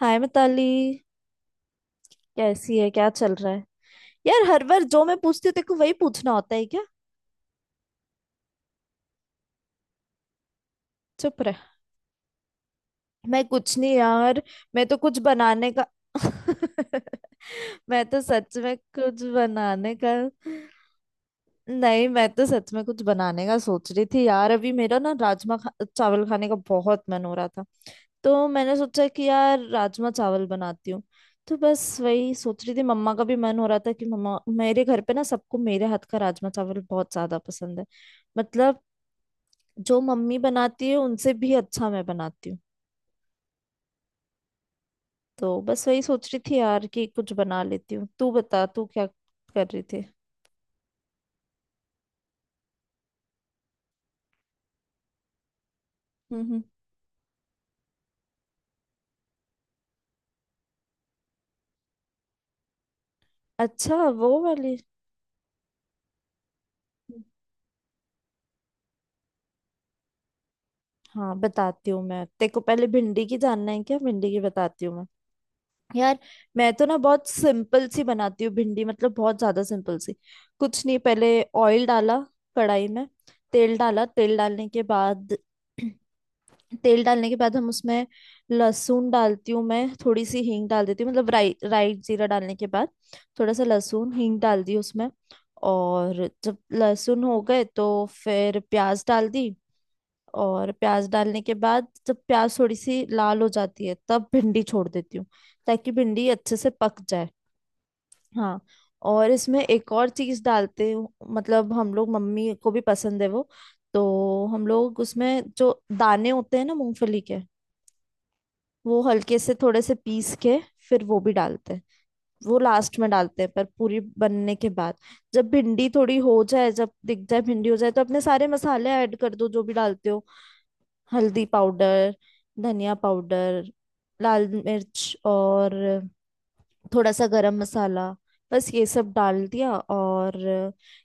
हाय मिताली। कैसी है? क्या चल रहा है? यार हर बार जो मैं पूछती हूँ तेरे को वही पूछना होता है क्या? चुप रह। मैं कुछ नहीं यार। मैं तो कुछ बनाने का। मैं तो सच में कुछ बनाने का। नहीं, मैं तो सच में कुछ बनाने का सोच रही थी यार। अभी मेरा ना राजमा चावल खाने का बहुत मन हो रहा था। तो मैंने सोचा कि यार राजमा चावल बनाती हूँ। तो बस वही सोच रही थी। मम्मा का भी मन हो रहा था कि मम्मा। मेरे घर पे ना सबको मेरे हाथ का राजमा चावल बहुत ज्यादा पसंद है। मतलब जो मम्मी बनाती है उनसे भी अच्छा मैं बनाती हूँ। तो बस वही सोच रही थी यार कि कुछ बना लेती हूँ। तू बता तू क्या कर रही थी? हम्म हम्म। अच्छा। वो वाली। हाँ बताती हूँ मैं तेरे को। पहले भिंडी की जानना है क्या? भिंडी की बताती हूँ मैं यार। मैं तो ना बहुत सिंपल सी बनाती हूँ भिंडी। मतलब बहुत ज्यादा सिंपल सी। कुछ नहीं, पहले ऑयल डाला कढ़ाई में। तेल डाला। तेल डालने के बाद तेल डालने के बाद हम उसमें लहसुन डालती हूँ। मैं थोड़ी सी हींग डाल देती हूँ। मतलब राई राई जीरा डालने के बाद थोड़ा सा लहसुन हींग डाल दी उसमें। और जब लहसुन हो गए तो फिर प्याज डाल दी। और प्याज डालने के बाद जब प्याज थोड़ी सी लाल हो जाती है तब भिंडी छोड़ देती हूँ, ताकि भिंडी अच्छे से पक जाए। हाँ, और इसमें एक और चीज डालते हूँ। मतलब हम लोग, मम्मी को भी पसंद है वो। तो हम लोग उसमें जो दाने होते हैं ना मूंगफली के, वो हल्के से थोड़े से पीस के फिर वो भी डालते हैं। वो लास्ट में डालते हैं, पर पूरी बनने के बाद। जब भिंडी थोड़ी हो जाए, जब दिख जाए भिंडी हो जाए, तो अपने सारे मसाले ऐड कर दो जो भी डालते हो। हल्दी पाउडर, धनिया पाउडर, लाल मिर्च और थोड़ा सा गरम मसाला। बस ये सब डाल दिया। और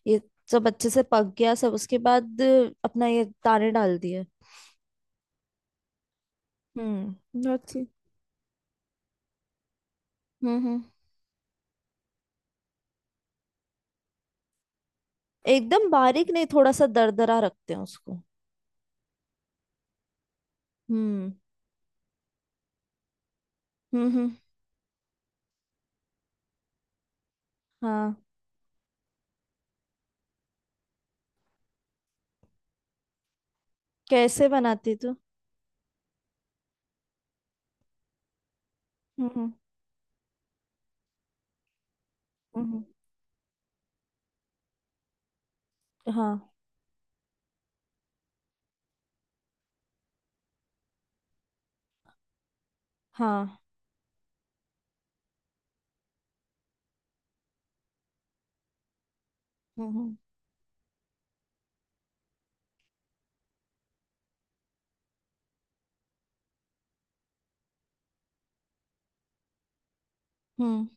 ये सब अच्छे से पक गया सब, उसके बाद अपना ये दाने डाल दिए। That's it. हम्म। एकदम बारीक नहीं, थोड़ा सा दरदरा रखते हैं उसको। हम्म हम्म। हाँ। कैसे बनाती तू? हम्म। हम्म, हाँ हाँ। हम्म हम्म।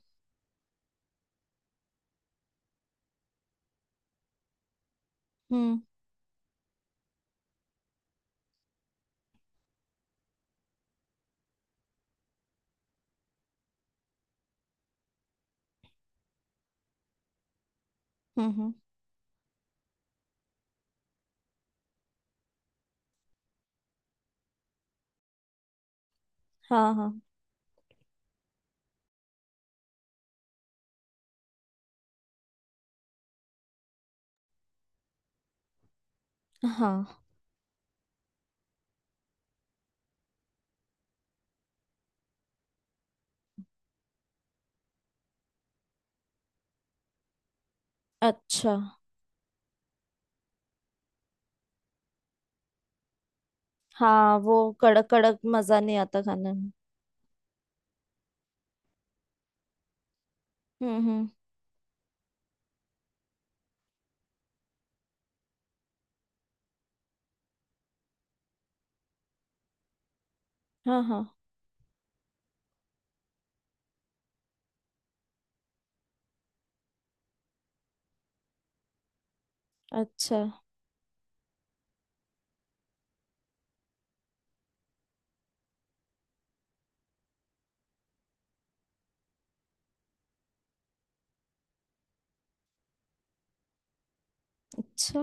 हम्म हम्म हम्म, हाँ हाँ। हाँ। अच्छा। हाँ। वो कड़क कड़क मजा नहीं आता खाने में। हम्म। हाँ हाँ। अच्छा। अच्छा।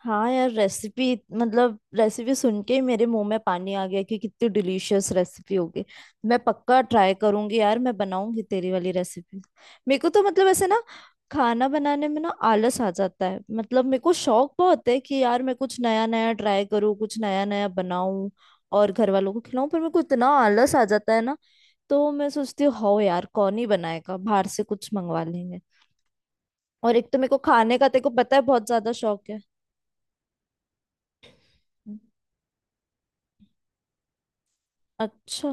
हाँ यार, रेसिपी। मतलब रेसिपी सुन के ही मेरे मुंह में पानी आ गया कि कितनी डिलीशियस रेसिपी होगी। मैं पक्का ट्राई करूंगी यार। मैं बनाऊंगी तेरी वाली रेसिपी। मेरे को तो मतलब ऐसे ना, खाना बनाने में ना आलस आ जाता है। मतलब मेरे को शौक बहुत है कि यार मैं कुछ नया नया ट्राई करूँ, कुछ नया नया बनाऊं और घर वालों को खिलाऊं। पर मेरे को इतना आलस आ जाता है ना, तो मैं सोचती हूँ हो यार कौन ही बनाएगा, बाहर से कुछ मंगवा लेंगे। और एक तो मेरे को खाने का तेरे को पता है बहुत ज्यादा शौक है। अच्छा।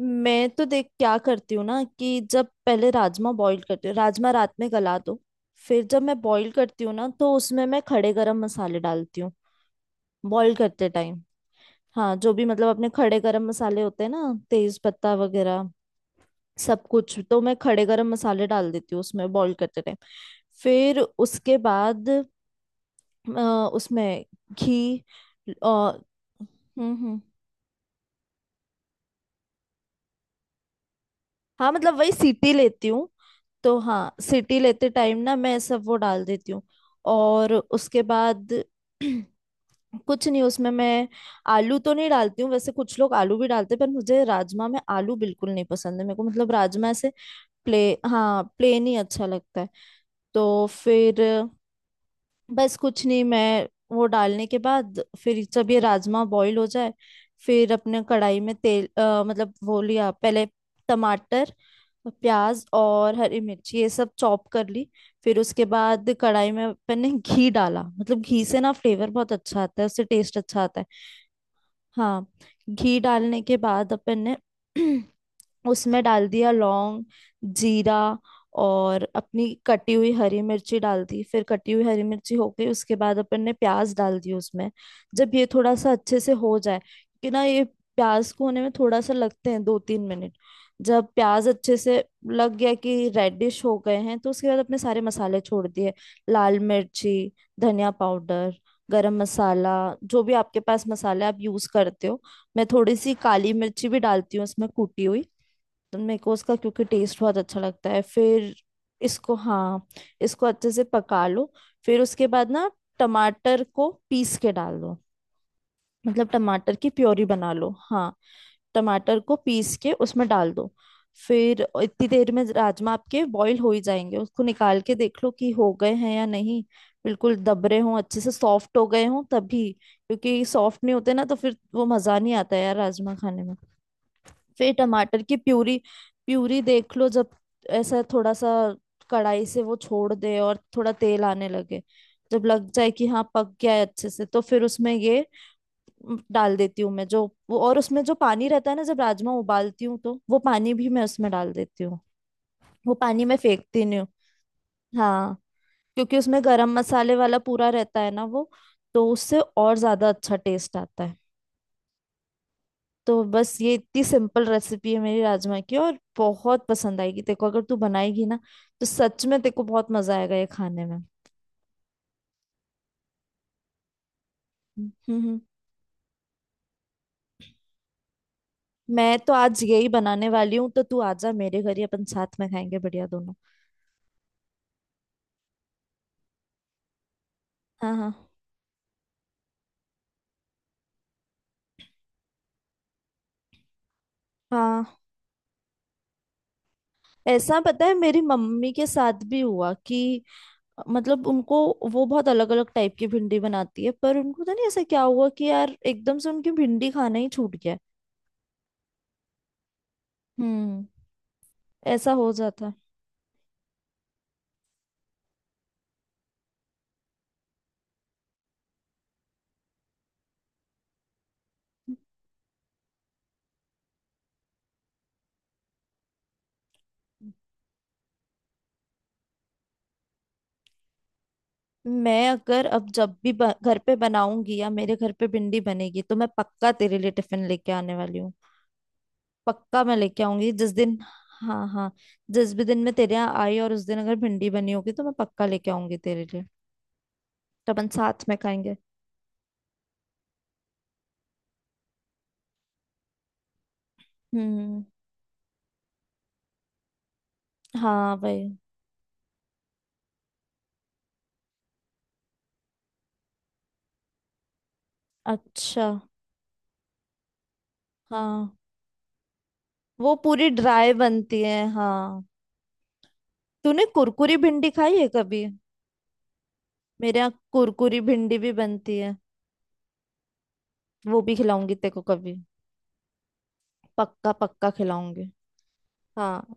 मैं तो देख क्या करती हूँ ना कि जब पहले राजमा बॉईल करती हूँ, राजमा रात में गला दो। फिर जब मैं बॉईल करती हूँ ना, तो उसमें मैं खड़े गरम मसाले डालती हूँ, बॉईल करते टाइम। हाँ, जो भी मतलब अपने खड़े गरम मसाले होते हैं ना, तेज पत्ता वगैरह सब कुछ, तो मैं खड़े गरम मसाले डाल देती हूँ उसमें बॉईल करते टाइम। फिर उसके बाद उसमें घी और हम्म। हाँ, मतलब वही सीटी लेती हूँ। तो हाँ, सीटी लेते टाइम ना मैं सब वो डाल देती हूँ। और उसके बाद कुछ नहीं, उसमें मैं आलू तो नहीं डालती हूँ। वैसे कुछ लोग आलू भी डालते हैं, पर मुझे राजमा में आलू बिल्कुल नहीं पसंद है। मेरे को मतलब राजमा ऐसे प्ले हाँ, प्लेन ही अच्छा लगता है। तो फिर बस कुछ नहीं, मैं वो डालने के बाद फिर जब ये राजमा बॉईल हो जाए, फिर अपने कढ़ाई में तेल मतलब वो लिया पहले। टमाटर, प्याज और हरी मिर्च ये सब चॉप कर ली। फिर उसके बाद कढ़ाई में अपन ने घी डाला। मतलब घी से ना फ्लेवर बहुत अच्छा आता है, उससे टेस्ट अच्छा आता है। हाँ। घी डालने के बाद अपन ने उसमें डाल दिया लौंग, जीरा और अपनी कटी हुई हरी मिर्ची डाल दी। फिर कटी हुई हरी मिर्ची हो गई उसके बाद अपन ने प्याज डाल दी उसमें। जब ये थोड़ा सा अच्छे से हो जाए, कि ना ये प्याज को होने में थोड़ा सा लगते हैं 2-3 मिनट। जब प्याज अच्छे से लग गया कि रेडिश हो गए हैं, तो उसके बाद अपने सारे मसाले छोड़ दिए। लाल मिर्ची, धनिया पाउडर, गरम मसाला, जो भी आपके पास मसाले आप यूज करते हो। मैं थोड़ी सी काली मिर्ची भी डालती हूँ उसमें कूटी हुई, तो मेरे को उसका क्योंकि टेस्ट बहुत अच्छा लगता है फिर। इसको हाँ, इसको अच्छे से पका लो। फिर उसके बाद ना टमाटर को पीस के डाल दो। मतलब टमाटर की प्योरी बना लो हाँ। टमाटर को पीस के उसमें डाल दो। फिर इतनी देर में राजमा आपके बॉईल हो ही जाएंगे। उसको निकाल के देख लो कि हो गए हैं या नहीं, बिल्कुल दब रहे हों, अच्छे से सॉफ्ट हो गए हों तभी, क्योंकि सॉफ्ट नहीं होते ना तो फिर वो मज़ा नहीं आता यार राजमा खाने में। फिर टमाटर की प्यूरी, प्यूरी देख लो जब, ऐसा थोड़ा सा कढ़ाई से वो छोड़ दे और थोड़ा तेल आने लगे, जब लग जाए कि हाँ पक गया है अच्छे से, तो फिर उसमें ये डाल देती हूँ मैं जो वो। और उसमें जो पानी रहता है ना, जब राजमा उबालती हूँ तो वो पानी भी मैं उसमें डाल देती हूँ। वो पानी मैं फेंकती नहीं हूँ। हाँ, क्योंकि उसमें गरम मसाले वाला पूरा रहता है ना वो, तो उससे और ज्यादा अच्छा टेस्ट आता है। तो बस ये इतनी सिंपल रेसिपी है मेरी राजमा की। और बहुत पसंद आएगी तेरे को, अगर तू बनाएगी ना, तो सच में तेरे को बहुत मजा आएगा ये खाने में। हम्म हम्म। मैं तो आज यही बनाने वाली हूँ, तो तू आजा मेरे घर ही, अपन साथ में खाएंगे बढ़िया दोनों। हाँ हाँ। हाँ। ऐसा पता है मेरी मम्मी के साथ भी हुआ कि मतलब उनको, वो बहुत अलग अलग टाइप की भिंडी बनाती है, पर उनको तो नहीं, ऐसा क्या हुआ कि यार एकदम से उनकी भिंडी खाना ही छूट गया। हम्म। ऐसा हो जाता है। मैं अगर अब जब भी घर पे बनाऊंगी या मेरे घर पे भिंडी बनेगी, तो मैं पक्का तेरे लिए टिफिन लेके आने वाली हूँ। पक्का मैं लेके आऊंगी जिस दिन। हाँ हाँ। जिस भी दिन मैं तेरे यहाँ आई और उस दिन अगर भिंडी बनी होगी, तो मैं पक्का लेके आऊंगी तेरे लिए, तो अपन साथ में खाएंगे। हम्म। हाँ भाई। अच्छा। हाँ। वो पूरी ड्राई बनती है हाँ। तूने कुरकुरी भिंडी खाई है कभी? मेरे यहाँ कुरकुरी भिंडी भी बनती है, वो भी खिलाऊंगी तेरे को कभी। पक्का पक्का खिलाऊंगी। हाँ।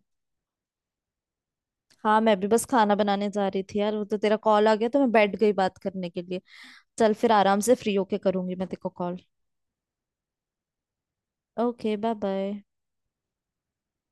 हाँ, मैं भी बस खाना बनाने जा रही थी यार। वो तो तेरा कॉल आ गया तो मैं बैठ गई बात करने के लिए। चल फिर, आराम से फ्री होके करूंगी मैं तेरे को कॉल। Okay, bye bye.